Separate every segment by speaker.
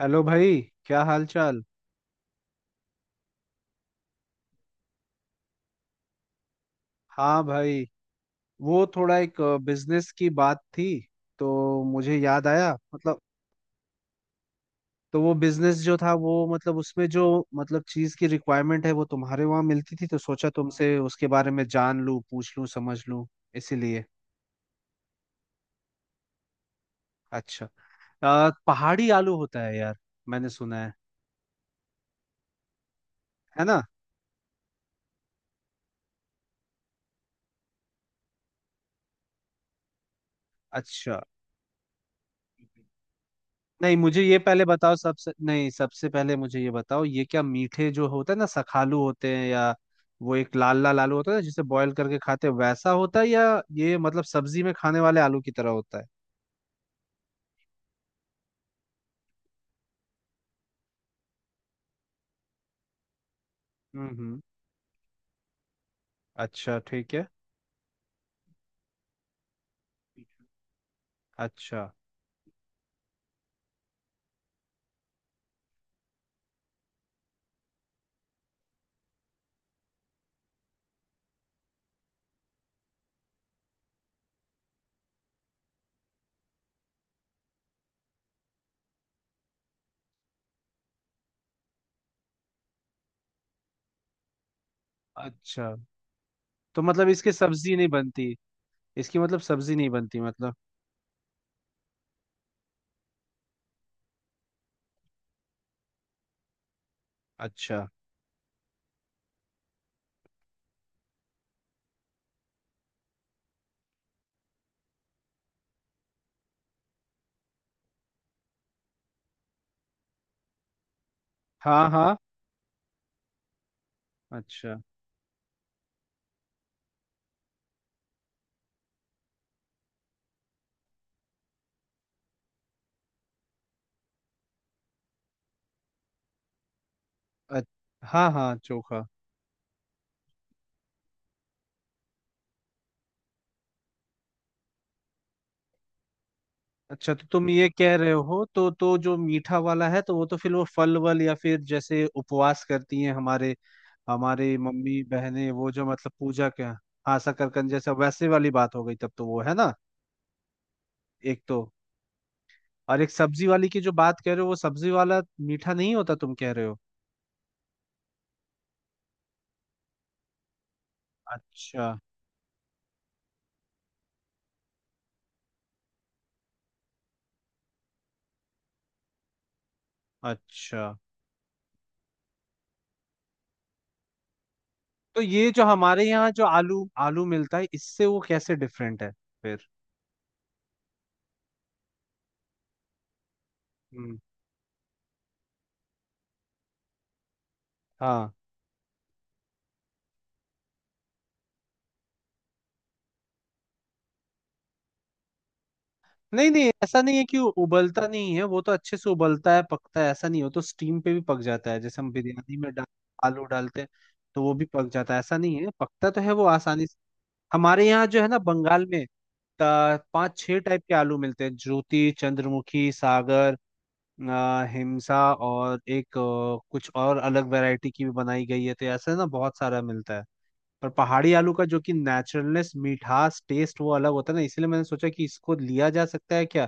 Speaker 1: Hello भाई। क्या हाल चाल। हाँ भाई, वो थोड़ा एक बिजनेस की बात थी तो मुझे याद आया। मतलब, तो वो बिजनेस जो था वो, मतलब उसमें जो मतलब चीज की रिक्वायरमेंट है वो तुम्हारे वहां मिलती थी, तो सोचा तुमसे उसके बारे में जान लूं, पूछ लूं, समझ लूं, इसीलिए। अच्छा, पहाड़ी आलू होता है यार, मैंने सुना है ना। अच्छा, नहीं मुझे ये पहले बताओ, सबसे, नहीं सबसे पहले मुझे ये बताओ, ये क्या मीठे जो होता है ना सखालू होते हैं, या वो एक लाल लाल आलू होता है ना जिसे बॉईल करके खाते हैं वैसा होता है, या ये मतलब सब्जी में खाने वाले आलू की तरह होता है। हम्म, अच्छा ठीक है। अच्छा, अच्छा, तो मतलब इसकी सब्जी नहीं बनती? इसकी मतलब सब्जी नहीं बनती मतलब? अच्छा। हाँ हाँ। अच्छा। अ- हाँ हाँ, चोखा। अच्छा तो तुम ये कह रहे हो तो जो मीठा वाला है तो वो तो फिर वो फल वल, या फिर जैसे उपवास करती हैं हमारे, मम्मी बहनें वो जो मतलब पूजा के। हाँ, शकरकंद जैसा, वैसे वाली बात हो गई तब तो, वो है ना। एक तो, और एक सब्जी वाली की जो बात कह रहे हो, वो सब्जी वाला मीठा नहीं होता तुम कह रहे हो। अच्छा। अच्छा, तो ये जो हमारे यहाँ जो आलू आलू मिलता है इससे वो कैसे डिफरेंट है फिर? हम्म। हाँ। नहीं नहीं, ऐसा नहीं है कि वो उबलता नहीं है, वो तो अच्छे से उबलता है, पकता है, ऐसा नहीं हो तो स्टीम पे भी पक जाता है, जैसे हम बिरयानी में डाल, आलू डालते हैं तो वो भी पक जाता है, ऐसा नहीं है, पकता तो है वो आसानी से। हमारे यहाँ जो है ना बंगाल में, पाँच छह टाइप के आलू मिलते हैं, ज्योति, चंद्रमुखी, सागर, हिमसा, और एक कुछ और अलग वैरायटी की भी बनाई गई है, तो ऐसे ना बहुत सारा मिलता है। पर पहाड़ी आलू का जो कि नेचुरलनेस, मिठास, टेस्ट, वो अलग होता है ना, इसलिए मैंने सोचा कि इसको लिया जा सकता है क्या,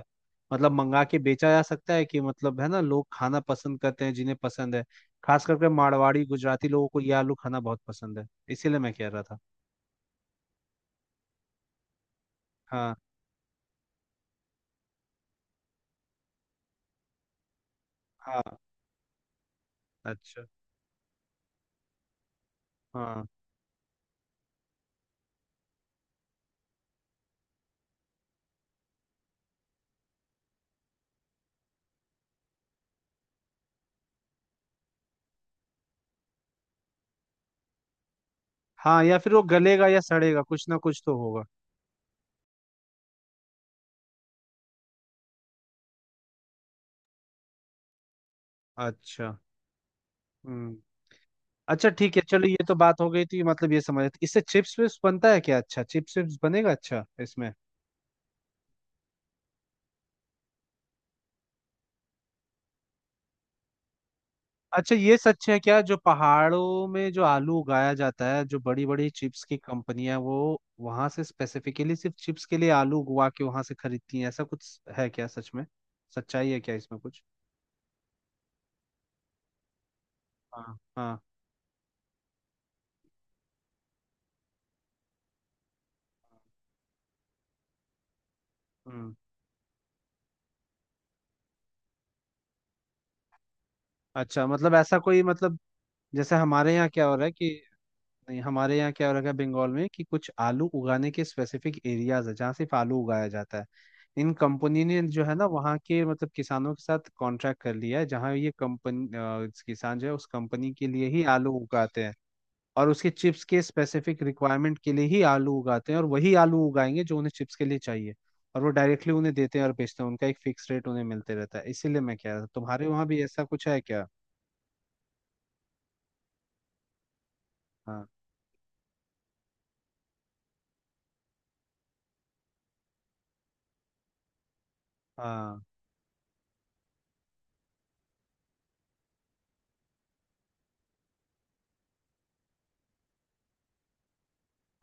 Speaker 1: मतलब मंगा के बेचा जा सकता है कि, मतलब है ना, लोग खाना पसंद करते हैं, जिन्हें पसंद है, खास करके मारवाड़ी, गुजराती लोगों को ये आलू खाना बहुत पसंद है, इसीलिए मैं कह रहा था। हाँ हाँ। अच्छा। हाँ हाँ, या फिर वो गलेगा या सड़ेगा, कुछ ना कुछ तो होगा। अच्छा। हम्म। अच्छा ठीक है, चलो ये तो बात हो गई थी। मतलब ये समझ, इससे चिप्स विप्स बनता है क्या? अच्छा, चिप्स विप्स बनेगा। अच्छा, इसमें अच्छा, ये सच है क्या जो पहाड़ों में जो आलू उगाया जाता है, जो बड़ी बड़ी चिप्स की कंपनियां वो वहां से स्पेसिफिकली सिर्फ चिप्स के लिए आलू उगवा के वहां से खरीदती हैं, ऐसा कुछ है क्या सच में? सच्चाई है क्या इसमें कुछ? हाँ हाँ। हम्म। अच्छा मतलब ऐसा कोई मतलब, जैसे हमारे यहाँ क्या हो रहा है कि, नहीं हमारे यहाँ क्या हो रखा है बंगाल में कि, कुछ आलू उगाने के स्पेसिफिक एरियाज है जहाँ सिर्फ आलू उगाया जाता है। इन कंपनी ने जो है ना वहाँ के मतलब किसानों के साथ कॉन्ट्रैक्ट कर लिया है, जहाँ ये कंपनी, किसान जो है उस कंपनी के लिए ही आलू उगाते हैं, और उसके चिप्स के स्पेसिफिक रिक्वायरमेंट के लिए ही आलू उगाते हैं, और वही आलू उगाएंगे जो उन्हें चिप्स के लिए चाहिए। और वो डायरेक्टली उन्हें देते हैं और बेचते हैं, उनका एक फिक्स रेट उन्हें मिलते रहता है, इसीलिए मैं कह रहा था तुम्हारे वहाँ भी ऐसा कुछ है क्या। हाँ हाँ।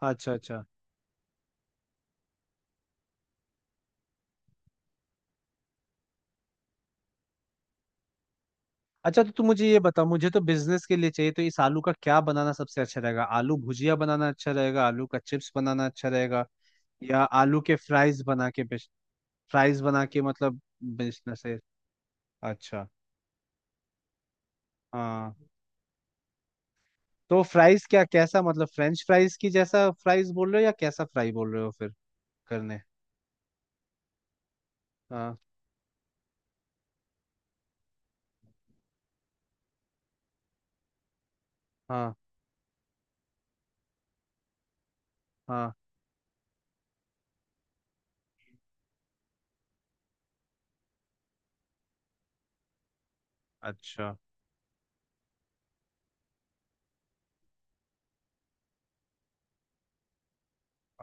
Speaker 1: अच्छा। अच्छा। अच्छा तो तू मुझे ये बता, मुझे तो बिजनेस के लिए चाहिए, तो इस आलू का क्या बनाना सबसे अच्छा रहेगा, आलू भुजिया बनाना अच्छा रहेगा, आलू का चिप्स बनाना अच्छा रहेगा, या आलू के फ्राइज बना के बेच, फ्राइज बना के मतलब बिजनेस है। अच्छा। हाँ, तो फ्राइज क्या कैसा, मतलब फ्रेंच फ्राइज की जैसा फ्राइज बोल रहे हो या कैसा फ्राई बोल रहे हो फिर करने। हाँ। हाँ। हाँ। अच्छा।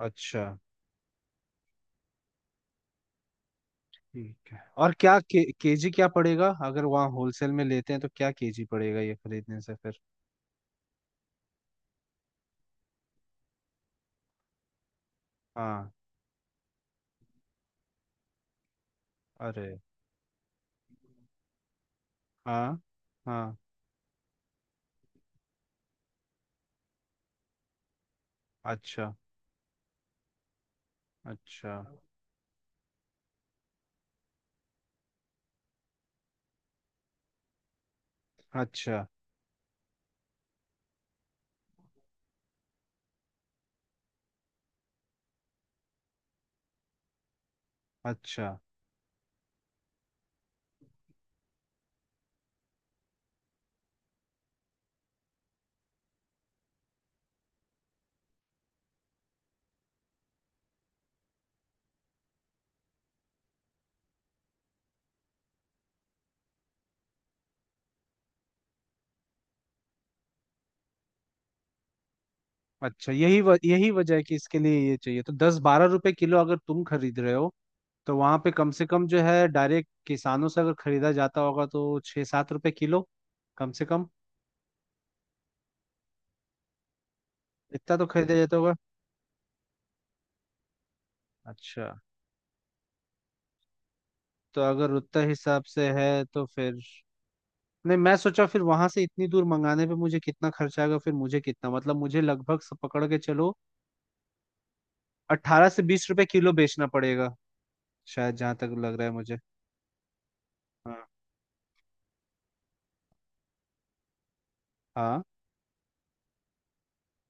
Speaker 1: अच्छा ठीक है, और क्या केजी क्या पड़ेगा, अगर वहाँ होलसेल में लेते हैं तो क्या केजी पड़ेगा ये खरीदने से फिर? हाँ। अरे, हाँ। हाँ। अच्छा। अच्छा। अच्छा। अच्छा। अच्छा यही यही वजह है कि इसके लिए ये चाहिए, तो दस बारह रुपए किलो अगर तुम खरीद रहे हो, तो वहां पे कम से कम जो है डायरेक्ट किसानों से अगर खरीदा जाता होगा तो छह सात रुपए किलो, कम से कम इतना तो खरीदा जाता होगा। अच्छा तो अगर उतना हिसाब से है तो फिर, नहीं मैं सोचा फिर वहां से इतनी दूर मंगाने पे मुझे कितना खर्चा आएगा, फिर मुझे कितना मतलब मुझे लगभग से पकड़ के चलो अट्ठारह से बीस रुपए किलो बेचना पड़ेगा शायद, जहाँ तक लग रहा है मुझे। हाँ। हाँ।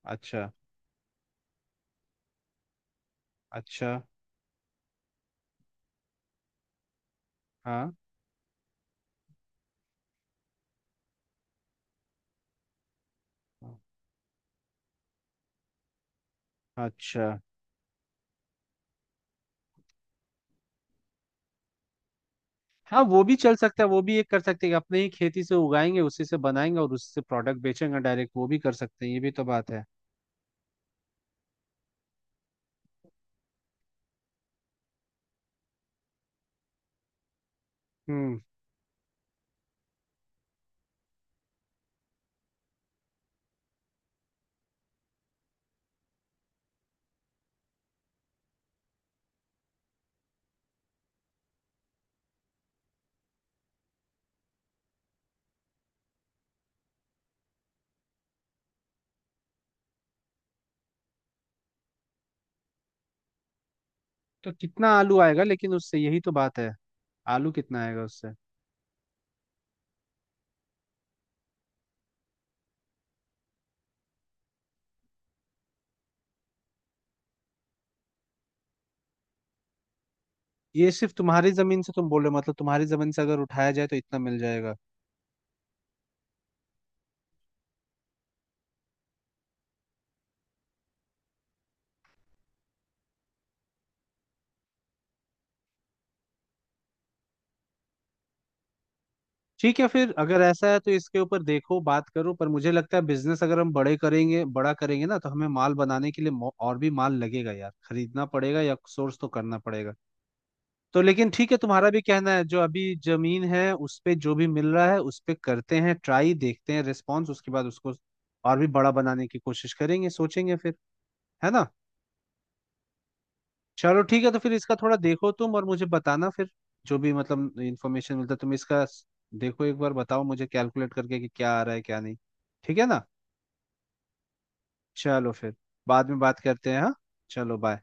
Speaker 1: अच्छा। अच्छा। हाँ। अच्छा। हाँ वो भी चल सकता है, वो भी एक कर सकते हैं, अपने ही खेती से उगाएंगे उसी से बनाएंगे और उससे प्रोडक्ट बेचेंगे डायरेक्ट, वो भी कर सकते हैं, ये भी तो बात है। हम्म। तो कितना आलू आएगा लेकिन उससे, यही तो बात है, आलू कितना आएगा उससे? ये सिर्फ तुम्हारी जमीन से तुम बोल रहे हो, मतलब तुम्हारी जमीन से अगर उठाया जाए तो इतना मिल जाएगा? ठीक है फिर, अगर ऐसा है तो इसके ऊपर देखो बात करो, पर मुझे लगता है बिजनेस अगर हम बड़े करेंगे, बड़ा करेंगे ना तो हमें माल बनाने के लिए और भी माल लगेगा यार, खरीदना पड़ेगा या सोर्स तो करना पड़ेगा। तो लेकिन ठीक है, तुम्हारा भी कहना है जो अभी जमीन है उस पे जो भी मिल रहा है उस पे करते हैं, ट्राई देखते हैं रिस्पॉन्स, उसके बाद उसको और भी बड़ा बनाने की कोशिश करेंगे, सोचेंगे फिर, है ना। चलो ठीक है, तो फिर इसका थोड़ा देखो तुम और मुझे बताना फिर, जो भी मतलब इंफॉर्मेशन मिलता है तुम इसका देखो एक बार बताओ मुझे, कैलकुलेट करके कि क्या आ रहा है क्या नहीं, ठीक है ना। चलो फिर, बाद में बात करते हैं, हाँ। चलो बाय।